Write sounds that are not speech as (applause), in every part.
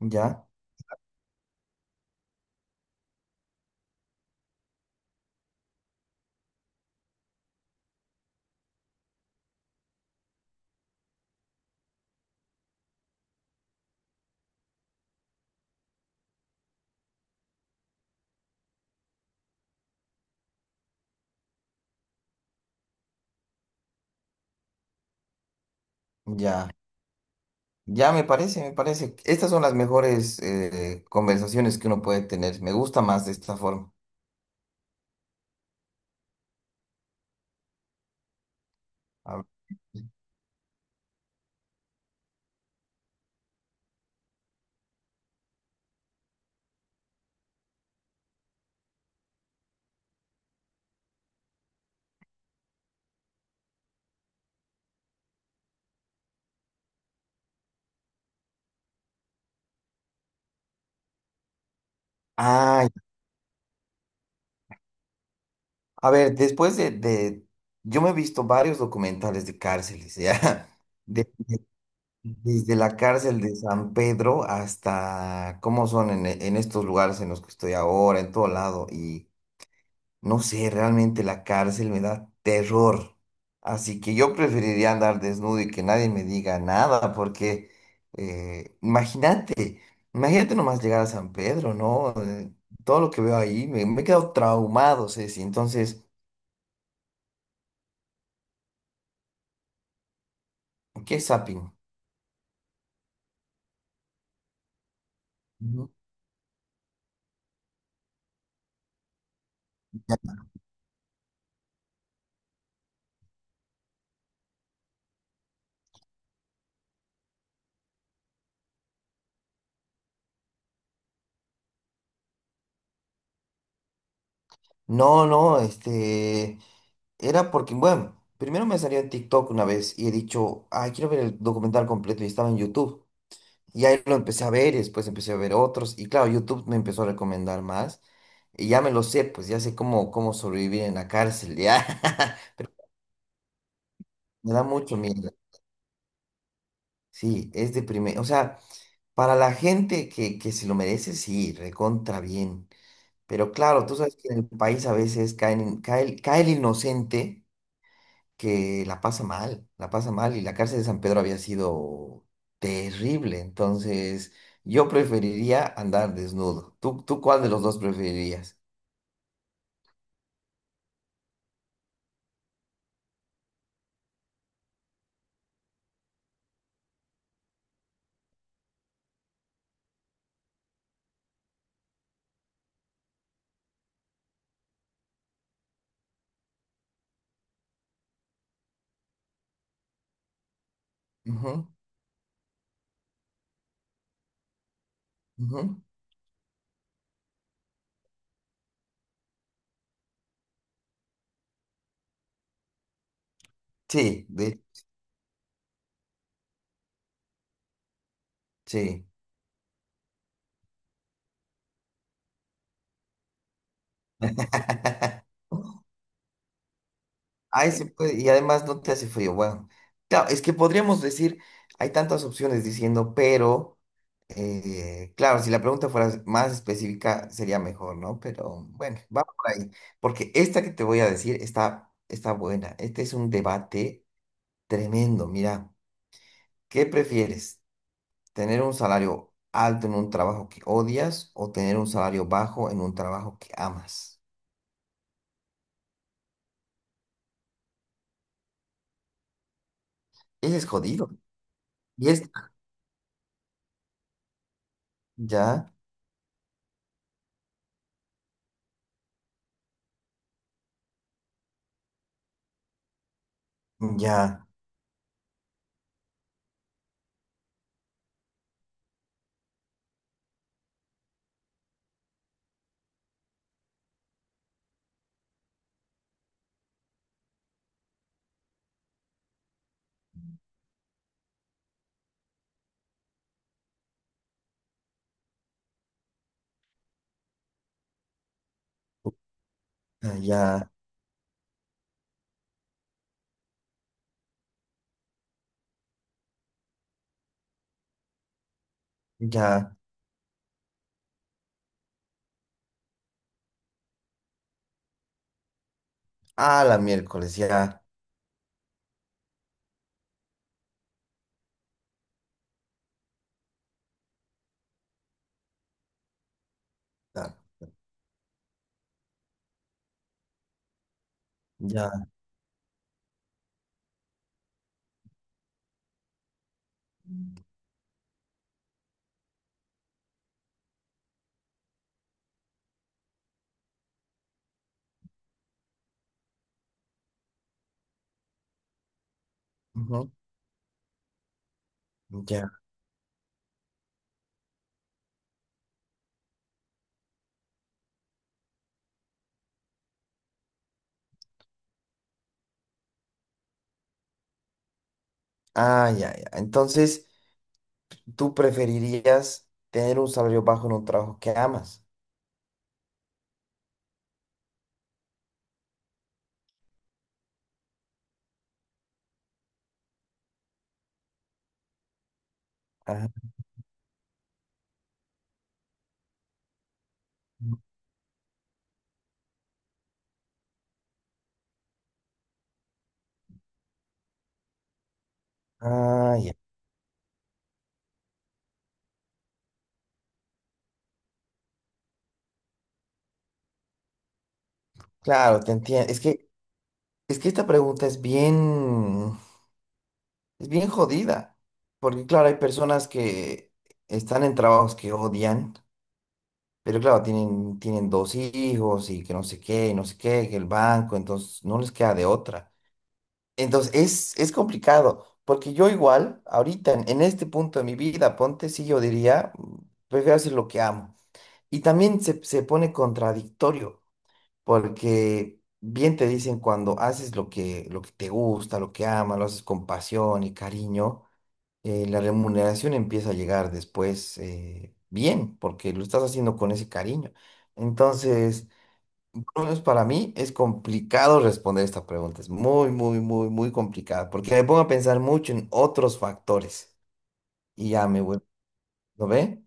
Ya, ya, ya, me parece, me parece. Estas son las mejores conversaciones que uno puede tener. Me gusta más de esta forma. A ver, ay, a ver, yo me he visto varios documentales de cárceles, ¿ya? (laughs) De- de- desde la cárcel de San Pedro hasta cómo son en estos lugares en los que estoy ahora, en todo lado. No sé, realmente la cárcel me da terror. Así que yo preferiría andar desnudo y que nadie me diga nada, porque imagínate, imagínate nomás llegar a San Pedro, ¿no? Todo lo que veo ahí, me he quedado traumado, Ceci. Entonces, ¿qué es zapping? Ujú. No, no, este, era porque, bueno, primero me salió en TikTok una vez y he dicho, ay, quiero ver el documental completo y estaba en YouTube. Y ahí lo empecé a ver y después empecé a ver otros. Y claro, YouTube me empezó a recomendar más. Y ya me lo sé, pues ya sé cómo, cómo sobrevivir en la cárcel. Ya (laughs) me da mucho miedo. Sí, es deprimente. O sea, para la gente que se lo merece, sí, recontra bien. Pero claro, tú sabes que en el país a veces caen, cae, cae el inocente que la pasa mal y la cárcel de San Pedro había sido terrible, entonces yo preferiría andar desnudo. ¿Tú, tú cuál de los dos preferirías? Ujú, ujú. Sí, de, sí. (laughs) Ahí se puede, y además no te hace frío. Bueno, claro, es que podríamos decir, hay tantas opciones diciendo, pero, claro, si la pregunta fuera más específica sería mejor, ¿no? Pero bueno, vamos por ahí, porque esta que te voy a decir está buena. Este es un debate tremendo. Mira, ¿qué prefieres? ¿Tener un salario alto en un trabajo que odias o tener un salario bajo en un trabajo que amas? Ese es jodido. Y es, ya, ya, ya. Ya. Ah, la miércoles, ya. Ya. Ya. ujú, Ya. Ah, ya, ya. Entonces, ¿tú preferirías tener un salario bajo en un trabajo que amas? Ah, ah, ya. Claro, te entiendo. Es que esta pregunta es bien jodida. Porque, claro, hay personas que están en trabajos que odian, pero claro, tienen dos hijos y que no sé qué, y no sé qué, que el banco, entonces no les queda de otra. Entonces, es complicado, porque yo igual, ahorita, en este punto de mi vida, ponte, sí, yo diría, prefiero hacer lo que amo. Y también se pone contradictorio, porque bien te dicen cuando haces lo que te gusta, lo que amas, lo haces con pasión y cariño, la remuneración empieza a llegar después bien, porque lo estás haciendo con ese cariño. Entonces... Por lo menos para mí es complicado responder esta pregunta. Es muy, muy, muy, muy complicada porque me pongo a pensar mucho en otros factores y ya me vuelvo. ¿Lo ve?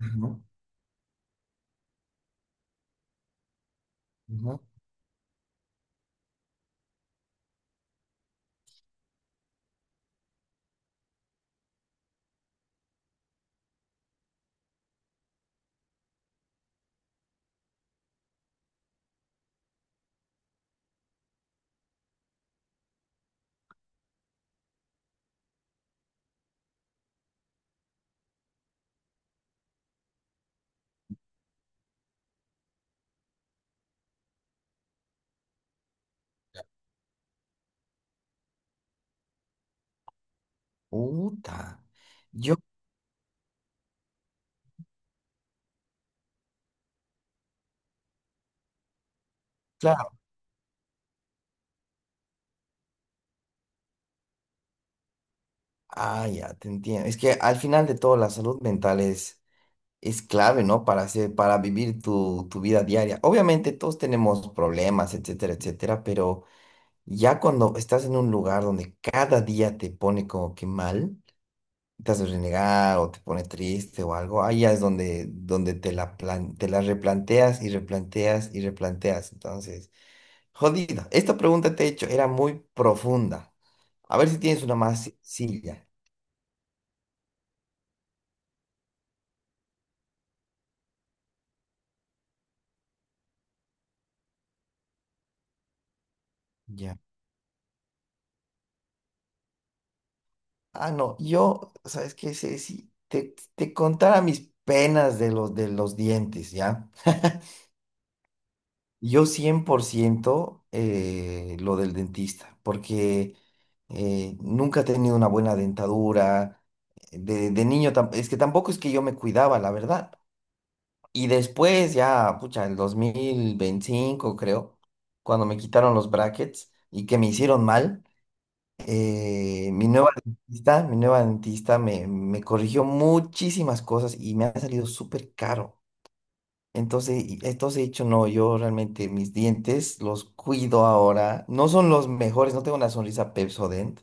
Ujú. Ujú. Puta. Yo, claro. Ah, ya, te entiendo. Es que al final de todo la salud mental es clave, ¿no? Para hacer, para vivir tu, tu vida diaria. Obviamente todos tenemos problemas, etcétera, etcétera, pero ya cuando estás en un lugar donde cada día te pone como que mal. Te hace renegar o te pone triste o algo, ahí ya es donde, te la replanteas y replanteas y replanteas. Entonces, jodida. Esta pregunta te he hecho, era muy profunda. A ver si tienes una más sencilla. Ya. Ah, no, yo, ¿sabes qué? Si te, te contara mis penas de los dientes, ¿ya? Yo 100% lo del dentista, porque nunca he tenido una buena dentadura. De niño, es que tampoco es que yo me cuidaba, la verdad. Y después ya, pucha, el 2025 creo, cuando me quitaron los brackets y que me hicieron mal, mi nueva dentista me corrigió muchísimas cosas y me ha salido súper caro. Entonces, entonces he dicho, no, yo realmente mis dientes los cuido ahora. No son los mejores, no tengo una sonrisa Pepsodent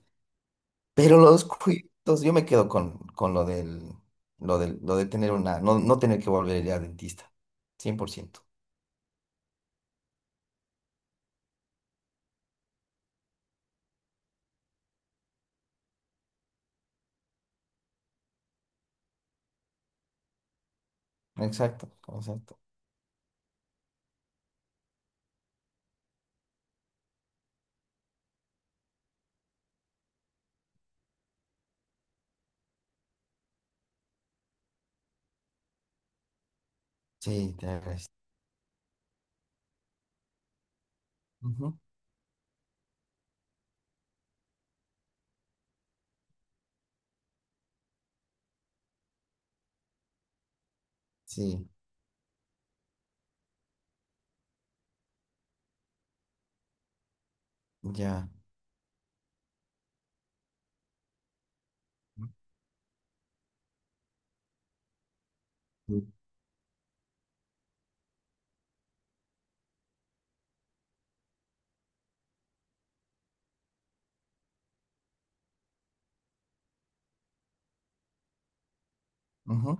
pero los cuitos, yo me quedo con lo del, lo del, lo de tener una, no, no tener que volver a ir al dentista. 100%. Exacto, exacto. Sí, te agradezco. Ujú, sí, ya. Ujú.